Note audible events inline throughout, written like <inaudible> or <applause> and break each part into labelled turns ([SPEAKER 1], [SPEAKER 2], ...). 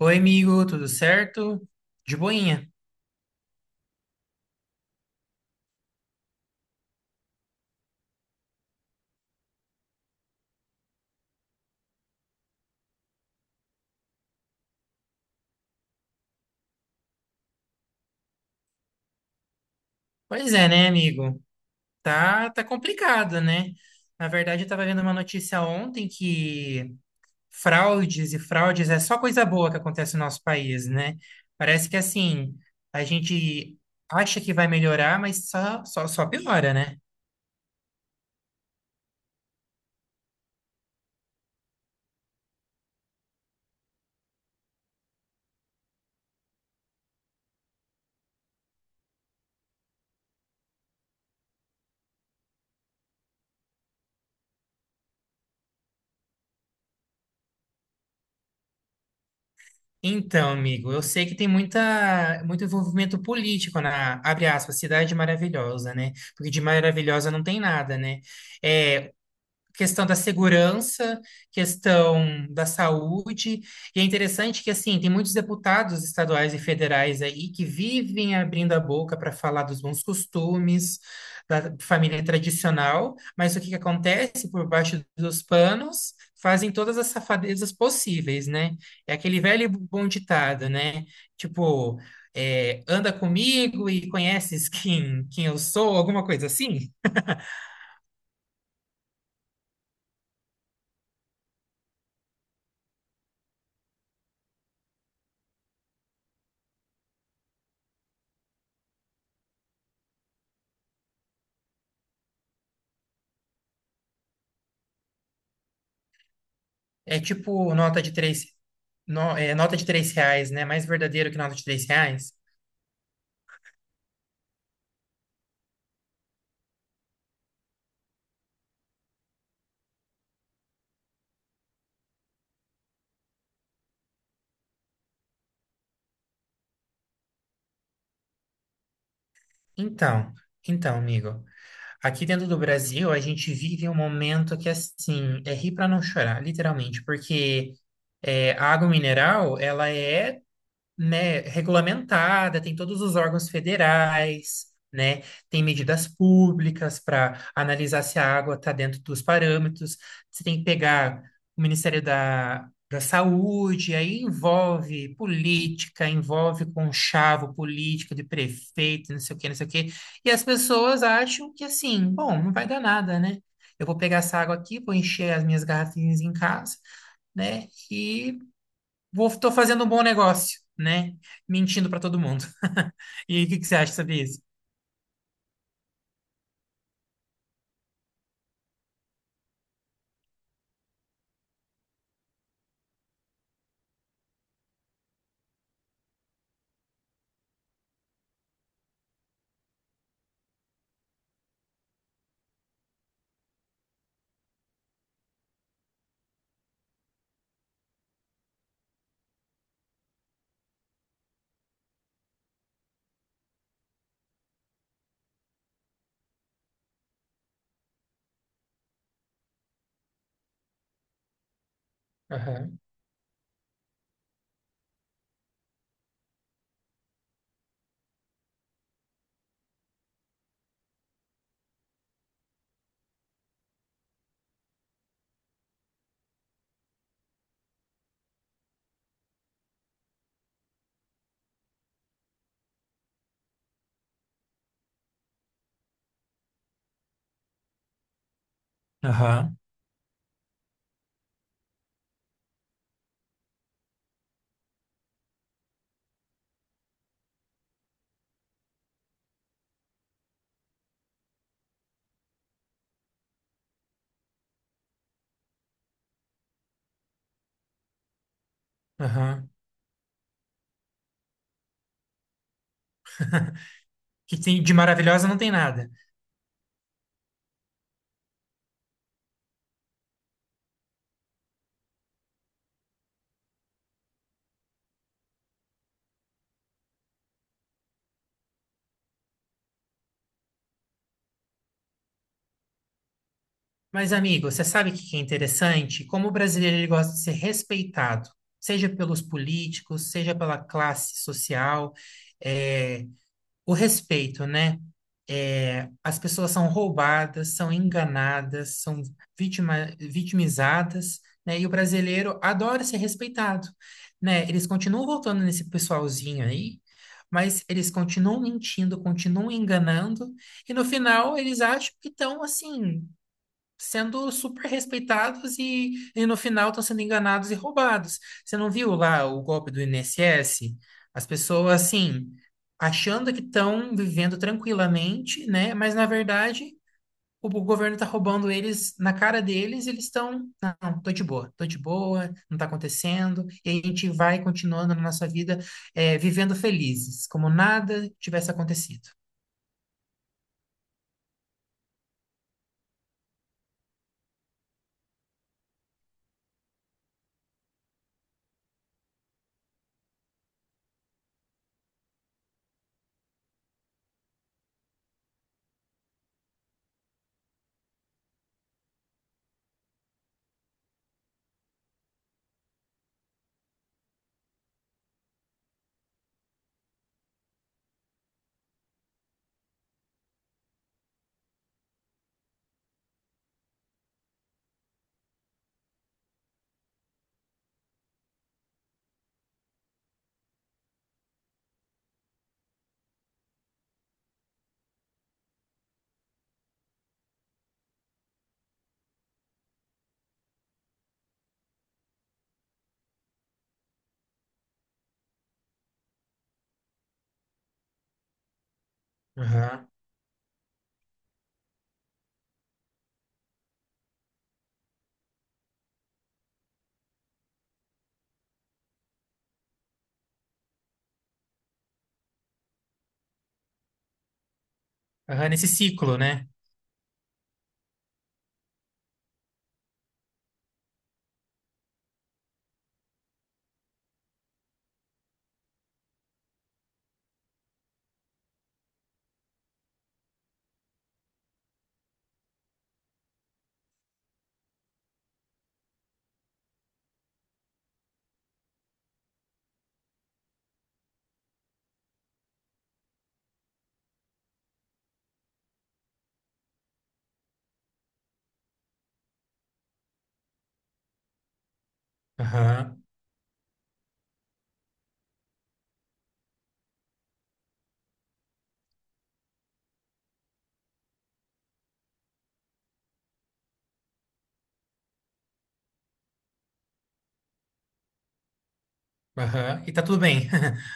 [SPEAKER 1] Oi, amigo, tudo certo? De boinha. Pois é, né, amigo? Tá complicado, né? Na verdade, eu tava vendo uma notícia ontem que fraudes e fraudes é só coisa boa que acontece no nosso país, né? Parece que assim, a gente acha que vai melhorar, mas só piora, né? Então, amigo, eu sei que tem muita, muito envolvimento político na, abre aspas, Cidade Maravilhosa, né? Porque de maravilhosa não tem nada, né? É, questão da segurança, questão da saúde. E é interessante que, assim, tem muitos deputados estaduais e federais aí que vivem abrindo a boca para falar dos bons costumes, da família tradicional, mas o que que acontece por baixo dos panos? Fazem todas as safadezas possíveis, né? É aquele velho e bom ditado, né? Tipo, anda comigo e conheces quem, quem eu sou, alguma coisa assim. É tipo nota de três, nota de três reais, né? Mais verdadeiro que nota de três reais? Então, então, amigo, aqui dentro do Brasil a gente vive um momento que assim é rir para não chorar, literalmente, porque a água mineral ela é, né, regulamentada, tem todos os órgãos federais, né, tem medidas públicas para analisar se a água está dentro dos parâmetros, você tem que pegar o Ministério da Saúde, aí envolve política, envolve conchavo político de prefeito, não sei o que, não sei o que, e as pessoas acham que assim, bom, não vai dar nada, né? Eu vou pegar essa água aqui, vou encher as minhas garrafinhas em casa, né? E vou, tô fazendo um bom negócio, né? Mentindo para todo mundo. <laughs> E aí, o que que você acha sobre isso? Aham. Aham, aham. Que tem, de maravilhosa não tem nada. Mas, amigo, você sabe o que que é interessante? Como o brasileiro ele gosta de ser respeitado, seja pelos políticos, seja pela classe social. É, O respeito, né? É, as pessoas são roubadas, são enganadas, são vitimizadas, né? E o brasileiro adora ser respeitado, né? Eles continuam voltando nesse pessoalzinho aí, mas eles continuam mentindo, continuam enganando, e no final eles acham que estão assim sendo super respeitados e no final estão sendo enganados e roubados. Você não viu lá o golpe do INSS? As pessoas, assim, achando que estão vivendo tranquilamente, né? Mas, na verdade, o governo está roubando eles na cara deles, e eles estão, não, tô de boa, não tá acontecendo, e a gente vai continuando na nossa vida, vivendo felizes, como nada tivesse acontecido. Aham. Aham, nesse ciclo, né? Aham, aham, e tá tudo bem. <laughs>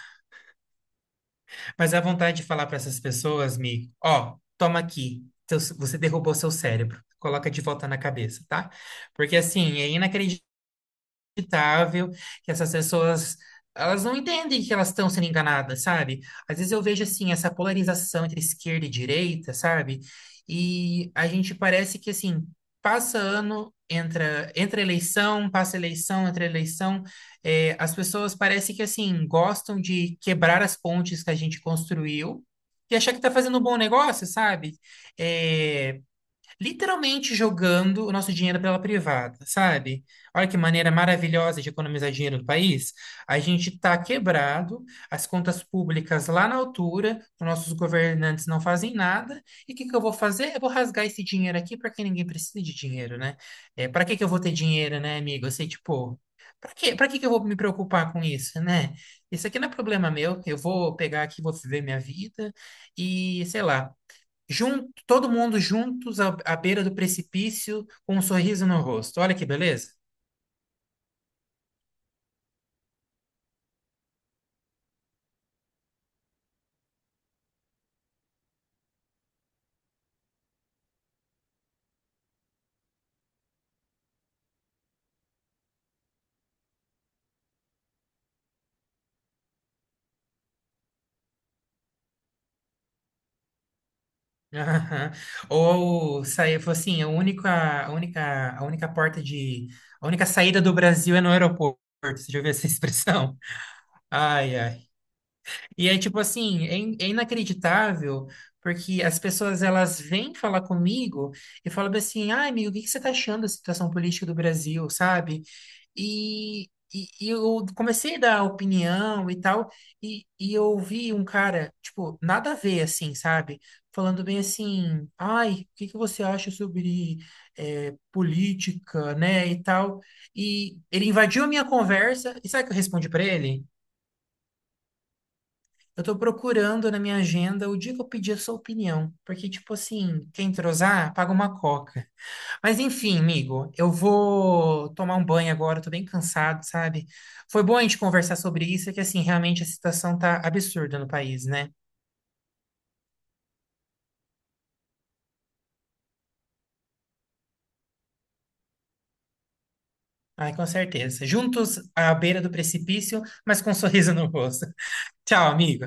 [SPEAKER 1] Mas a vontade de falar para essas pessoas, Mi, ó, toma aqui, você derrubou seu cérebro, coloca de volta na cabeça, tá? Porque assim, é inacreditável, inacreditável que essas pessoas elas não entendem que elas estão sendo enganadas, sabe? Às vezes eu vejo assim essa polarização entre esquerda e direita, sabe? E a gente parece que assim passa ano, entra, eleição, passa eleição, entra eleição, é, as pessoas parece que assim gostam de quebrar as pontes que a gente construiu. E achar que está fazendo um bom negócio, sabe? É, literalmente jogando o nosso dinheiro pela privada, sabe? Olha que maneira maravilhosa de economizar dinheiro do país. A gente está quebrado, as contas públicas lá na altura, os nossos governantes não fazem nada. E o que que eu vou fazer? Eu vou rasgar esse dinheiro aqui para que ninguém precise de dinheiro, né? É, para que que eu vou ter dinheiro, né, amigo? Eu sei, tipo, para que que eu vou me preocupar com isso, né? Isso aqui não é problema meu, eu vou pegar aqui, vou viver minha vida e sei lá junto, todo mundo juntos à, à beira do precipício com um sorriso no rosto. Olha que beleza. <laughs> Aham. Ou sair, falou assim, a única porta de, a única saída do Brasil é no aeroporto. Você já ouviu essa <laughs> expressão? Ai, ai. E é tipo assim, é inacreditável, porque as pessoas elas vêm falar comigo e falam bem assim, ai, amigo, o que que você tá achando da situação política do Brasil, sabe? E, e eu comecei a dar opinião e tal, e eu ouvi um cara, tipo, nada a ver, assim, sabe? Falando bem assim, ai, o que que você acha sobre política, né, e tal. E ele invadiu a minha conversa, e sabe o que eu respondi para ele? Eu tô procurando na minha agenda o dia que eu pedi a sua opinião. Porque, tipo assim, quem entrosar, paga uma coca. Mas enfim, amigo, eu vou tomar um banho agora, eu tô bem cansado, sabe? Foi bom a gente conversar sobre isso, é que assim, realmente a situação tá absurda no país, né? Ai, com certeza. Juntos à beira do precipício, mas com um <laughs> sorriso no rosto. <laughs> Tchau, amigo.